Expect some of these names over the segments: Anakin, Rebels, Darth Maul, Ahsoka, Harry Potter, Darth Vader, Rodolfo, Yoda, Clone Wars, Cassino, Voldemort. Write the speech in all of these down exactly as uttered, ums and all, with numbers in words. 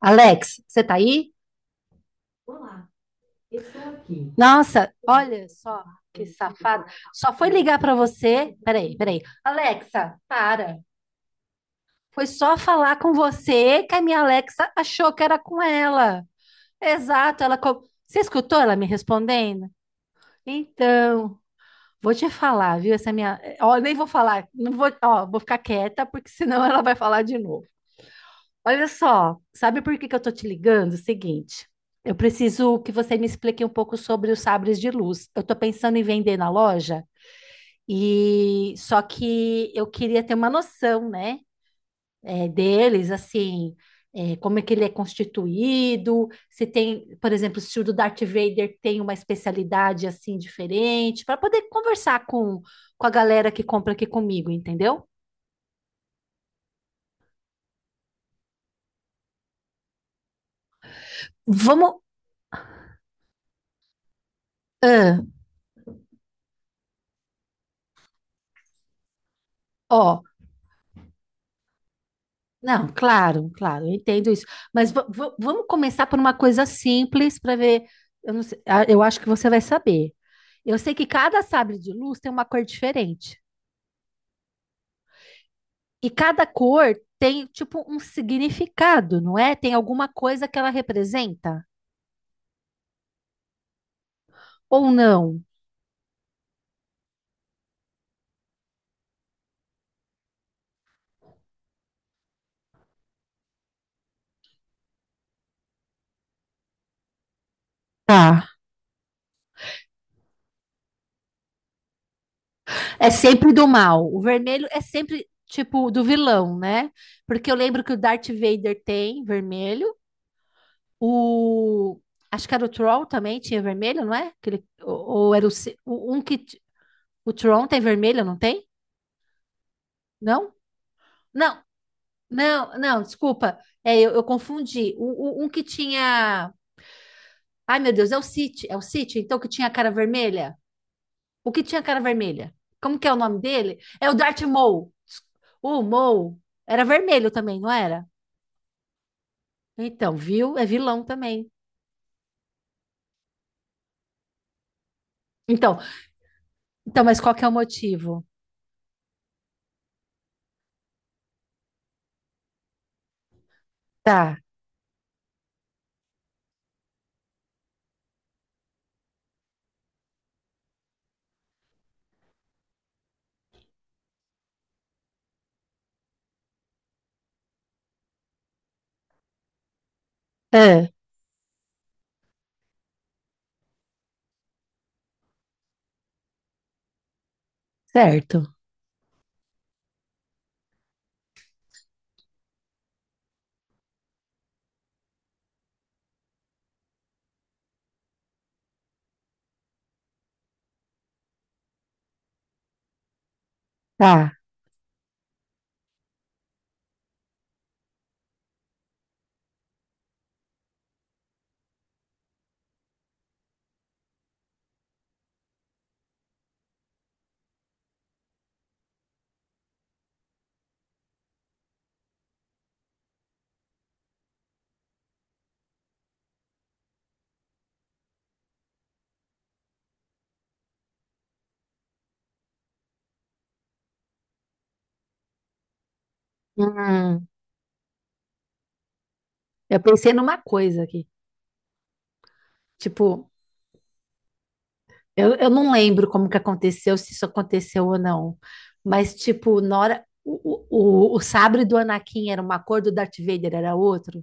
Alex, você tá aí? Olá, eu estou aqui. Nossa, olha só que safada. Só foi ligar pra você. Peraí, peraí. Alexa, para. Foi só falar com você que a minha Alexa achou que era com ela. Exato, ela. co- Você escutou ela me respondendo? Então, vou te falar, viu? Essa minha. Ó, eu nem vou falar. Não vou. Ó, vou ficar quieta, porque senão ela vai falar de novo. Olha só, sabe por que que eu tô te ligando? Seguinte, eu preciso que você me explique um pouco sobre os sabres de luz. Eu tô pensando em vender na loja e só que eu queria ter uma noção, né, é, deles, assim, é, como é que ele é constituído, se tem, por exemplo, se o do Darth Vader tem uma especialidade assim diferente, para poder conversar com com a galera que compra aqui comigo, entendeu? Vamos. Ah. Ó. Não, claro, claro, eu entendo isso. Mas va- va- vamos começar por uma coisa simples para ver. Eu não sei- ah, eu acho que você vai saber. Eu sei que cada sabre de luz tem uma cor diferente. E cada cor tem, tipo, um significado, não é? Tem alguma coisa que ela representa? Ou não? Tá. É sempre do mal. O vermelho é sempre, tipo, do vilão, né? Porque eu lembro que o Darth Vader tem vermelho. O, acho que era o Tron também, tinha vermelho, não é? Aquele, ou, ou era o, ci- o- um que. t- O Tron tem vermelho, não tem? Não? Não, não, não, desculpa. É, eu, eu confundi. O, o- um que tinha. Ai, meu Deus, é o City, é o City, então que tinha a cara vermelha? O que tinha a cara vermelha? Como que é o nome dele? É o Darth Maul. Des- O Maul era vermelho também, não era? Então, viu? É vilão também. Então, então, mas qual que é o motivo? Tá. É, certo. Tá. Hum, eu pensei numa coisa aqui. Tipo, eu, eu não lembro como que aconteceu, se isso aconteceu ou não. Mas, tipo, na hora. O, o, o o sabre do Anakin era uma cor, do Darth Vader era outro.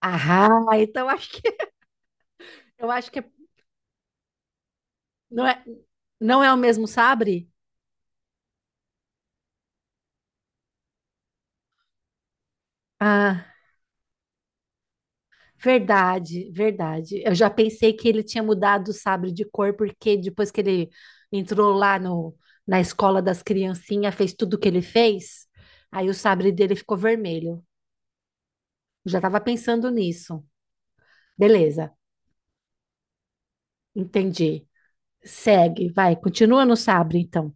Ah, então acho, que- eu acho que é- não é, não é o mesmo sabre? Ah. Verdade, verdade. Eu já pensei que ele tinha mudado o sabre de cor, porque depois que ele entrou lá no, na escola das criancinhas, fez tudo o que ele fez, aí o sabre dele ficou vermelho. Eu já estava pensando nisso. Beleza, entendi. Segue, vai, continua no sabre, então.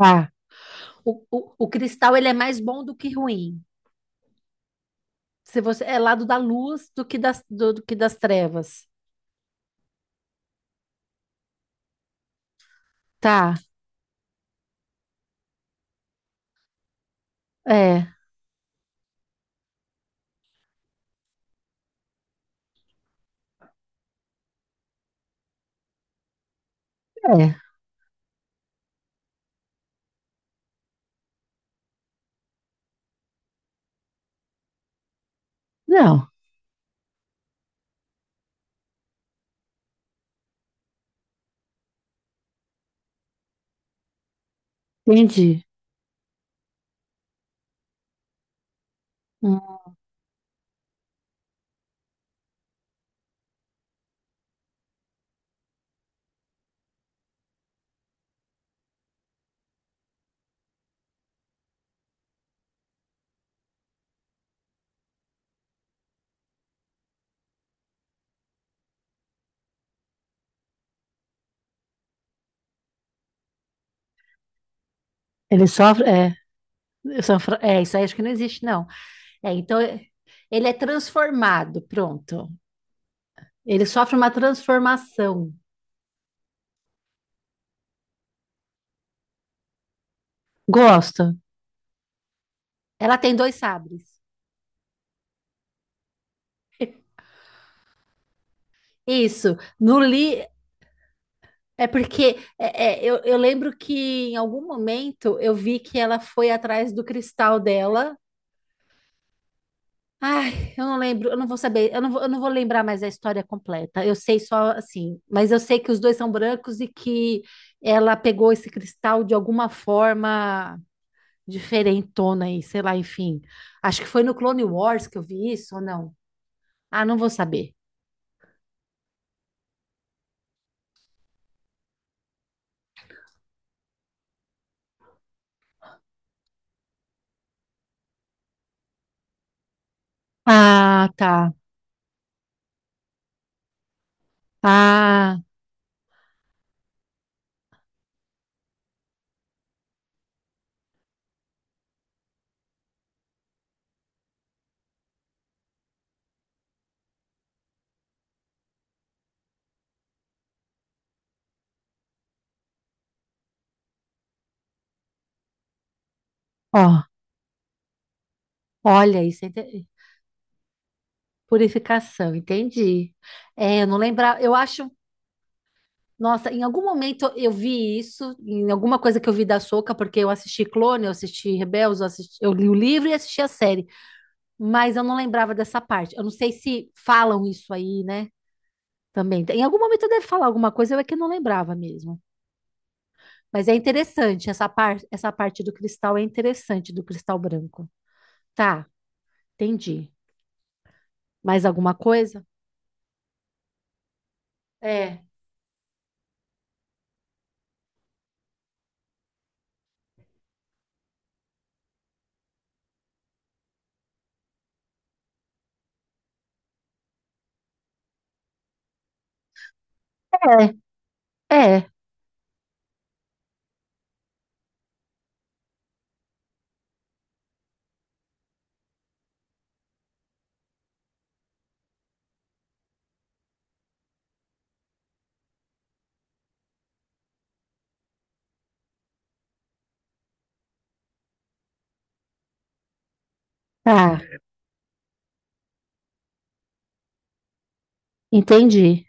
Ah. O, o, o cristal, ele é mais bom do que ruim. Se você é lado da luz do que das, do, do que das trevas. Tá, é. É. Não, entendi. Hum. Ele sofre. É. São Fra- É, isso aí acho que não existe, não. É, então, é- ele é transformado, pronto. Ele sofre uma transformação. Gosto. Ela tem dois sabres. Isso. No li é porque é, é, eu, eu lembro que em algum momento eu vi que ela foi atrás do cristal dela. Ai, eu não lembro, eu não vou saber, eu não vou, eu não vou lembrar mais a história completa. Eu sei só assim, mas eu sei que os dois são brancos e que ela pegou esse cristal de alguma forma diferentona aí, sei lá, enfim. Acho que foi no Clone Wars que eu vi isso ou não? Ah, não vou saber. Ah, tá. Ah. Ó, olha isso, é inte- purificação, entendi. É, eu não lembrava, eu acho, nossa, em algum momento eu vi isso, em alguma coisa que eu vi da Soca porque eu assisti Clone, eu assisti Rebels, eu, assisti- eu li o livro e assisti a série, mas eu não lembrava dessa parte. Eu não sei se falam isso aí, né? Também. Em algum momento deve falar alguma coisa, eu é que não lembrava mesmo. Mas é interessante, essa, par essa parte do cristal é interessante, do cristal branco. Tá, entendi. Mais alguma coisa? É. É, é. Tá, entendi.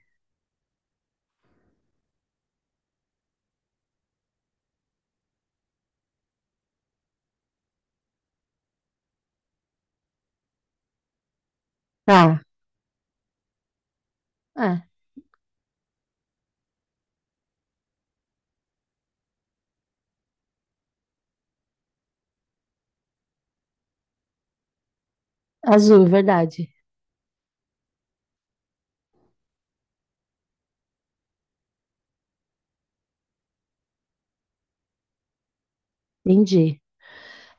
Tá. É, azul, verdade. Entendi.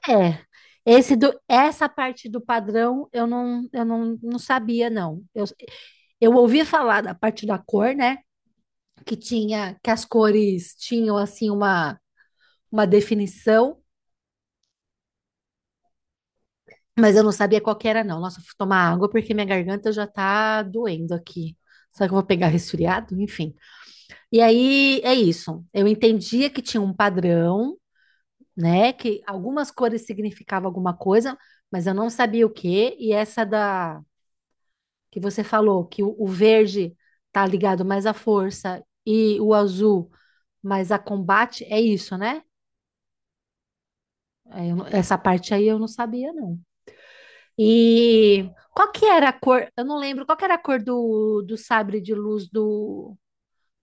É. Esse do, essa parte do padrão eu não, eu não, não sabia, não. Eu, eu ouvi falar da parte da cor, né? Que tinha, que as cores tinham assim uma, uma definição. Mas eu não sabia qual que era, não. Nossa, eu fui tomar água porque minha garganta já tá doendo aqui. Será que eu vou pegar resfriado? Enfim. E aí é isso. Eu entendia que tinha um padrão, né? Que algumas cores significavam alguma coisa, mas eu não sabia o quê. E essa da que você falou, que o, o verde tá ligado mais à força e o azul mais a combate, é isso, né? É, eu não- essa parte aí eu não sabia, não. E qual que era a cor? Eu não lembro. Qual que era a cor do, do sabre de luz do,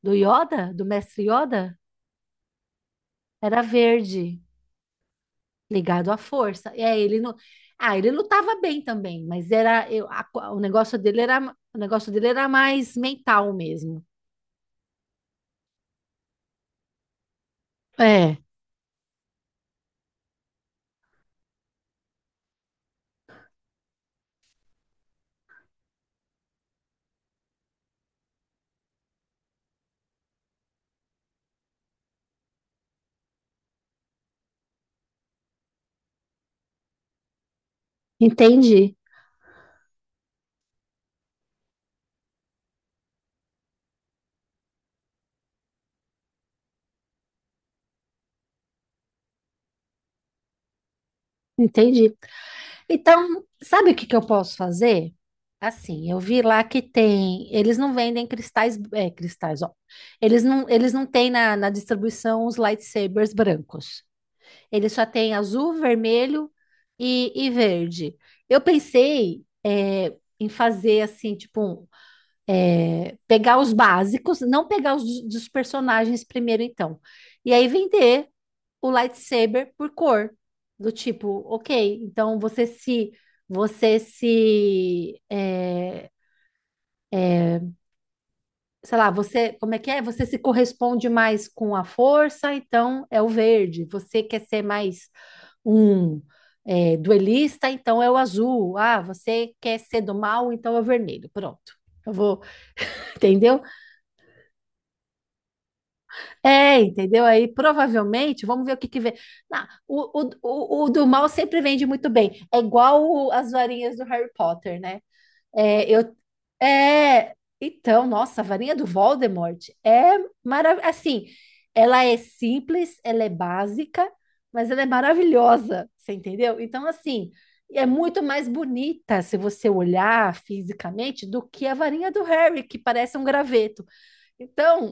do Yoda, do mestre Yoda? Era verde, ligado à força. É, ele não. Ah, ele lutava bem também, mas era eu, a co- o negócio dele era o negócio dele era mais mental mesmo. É, entendi, entendi. Então, sabe o que que eu posso fazer? Assim, eu vi lá que tem. Eles não vendem cristais. É, cristais, ó. Eles não, eles não têm na, na distribuição os lightsabers brancos. Eles só têm azul, vermelho e, e verde. Eu pensei, é, em fazer assim, tipo, um, é, pegar os básicos, não pegar os dos, dos personagens primeiro, então. E aí vender o lightsaber por cor. Do tipo, ok, então você se, você se, é, sei lá, você, como é que é? Você se corresponde mais com a força, então é o verde. Você quer ser mais um é, duelista, então é o azul. Ah, você quer ser do mal, então é o vermelho. Pronto. Eu vou, entendeu? É, entendeu? Aí provavelmente, vamos ver o que que vem. Não, o, o, o, o do mal sempre vende muito bem. É igual o- as varinhas do Harry Potter, né? É, eu, é, então, nossa, a varinha do Voldemort é maravilhosa. Assim, ela é simples, ela é básica, mas ela é maravilhosa, você entendeu? Então, assim, é muito mais bonita se você olhar fisicamente do que a varinha do Harry, que parece um graveto. Então,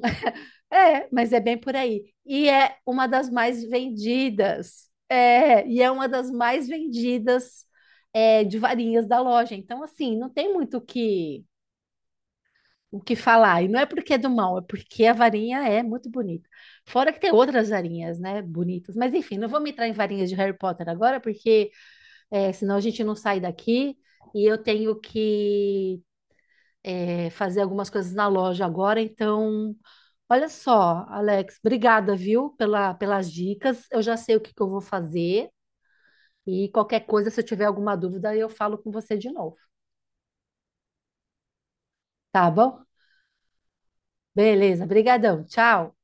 é, mas é bem por aí. E é uma das mais vendidas. É, e é uma das mais vendidas é, de varinhas da loja. Então, assim, não tem muito o que, o que falar. E não é porque é do mal, é porque a varinha é muito bonita. Fora que tem outras varinhas, né, bonitas. Mas, enfim, não vamos entrar em varinhas de Harry Potter agora, porque é, senão a gente não sai daqui e eu tenho que é, fazer algumas coisas na loja agora. Então, olha só, Alex, obrigada, viu, pela, pelas dicas. Eu já sei o que que eu vou fazer. E qualquer coisa, se eu tiver alguma dúvida, eu falo com você de novo. Tá bom? Beleza, brigadão. Tchau.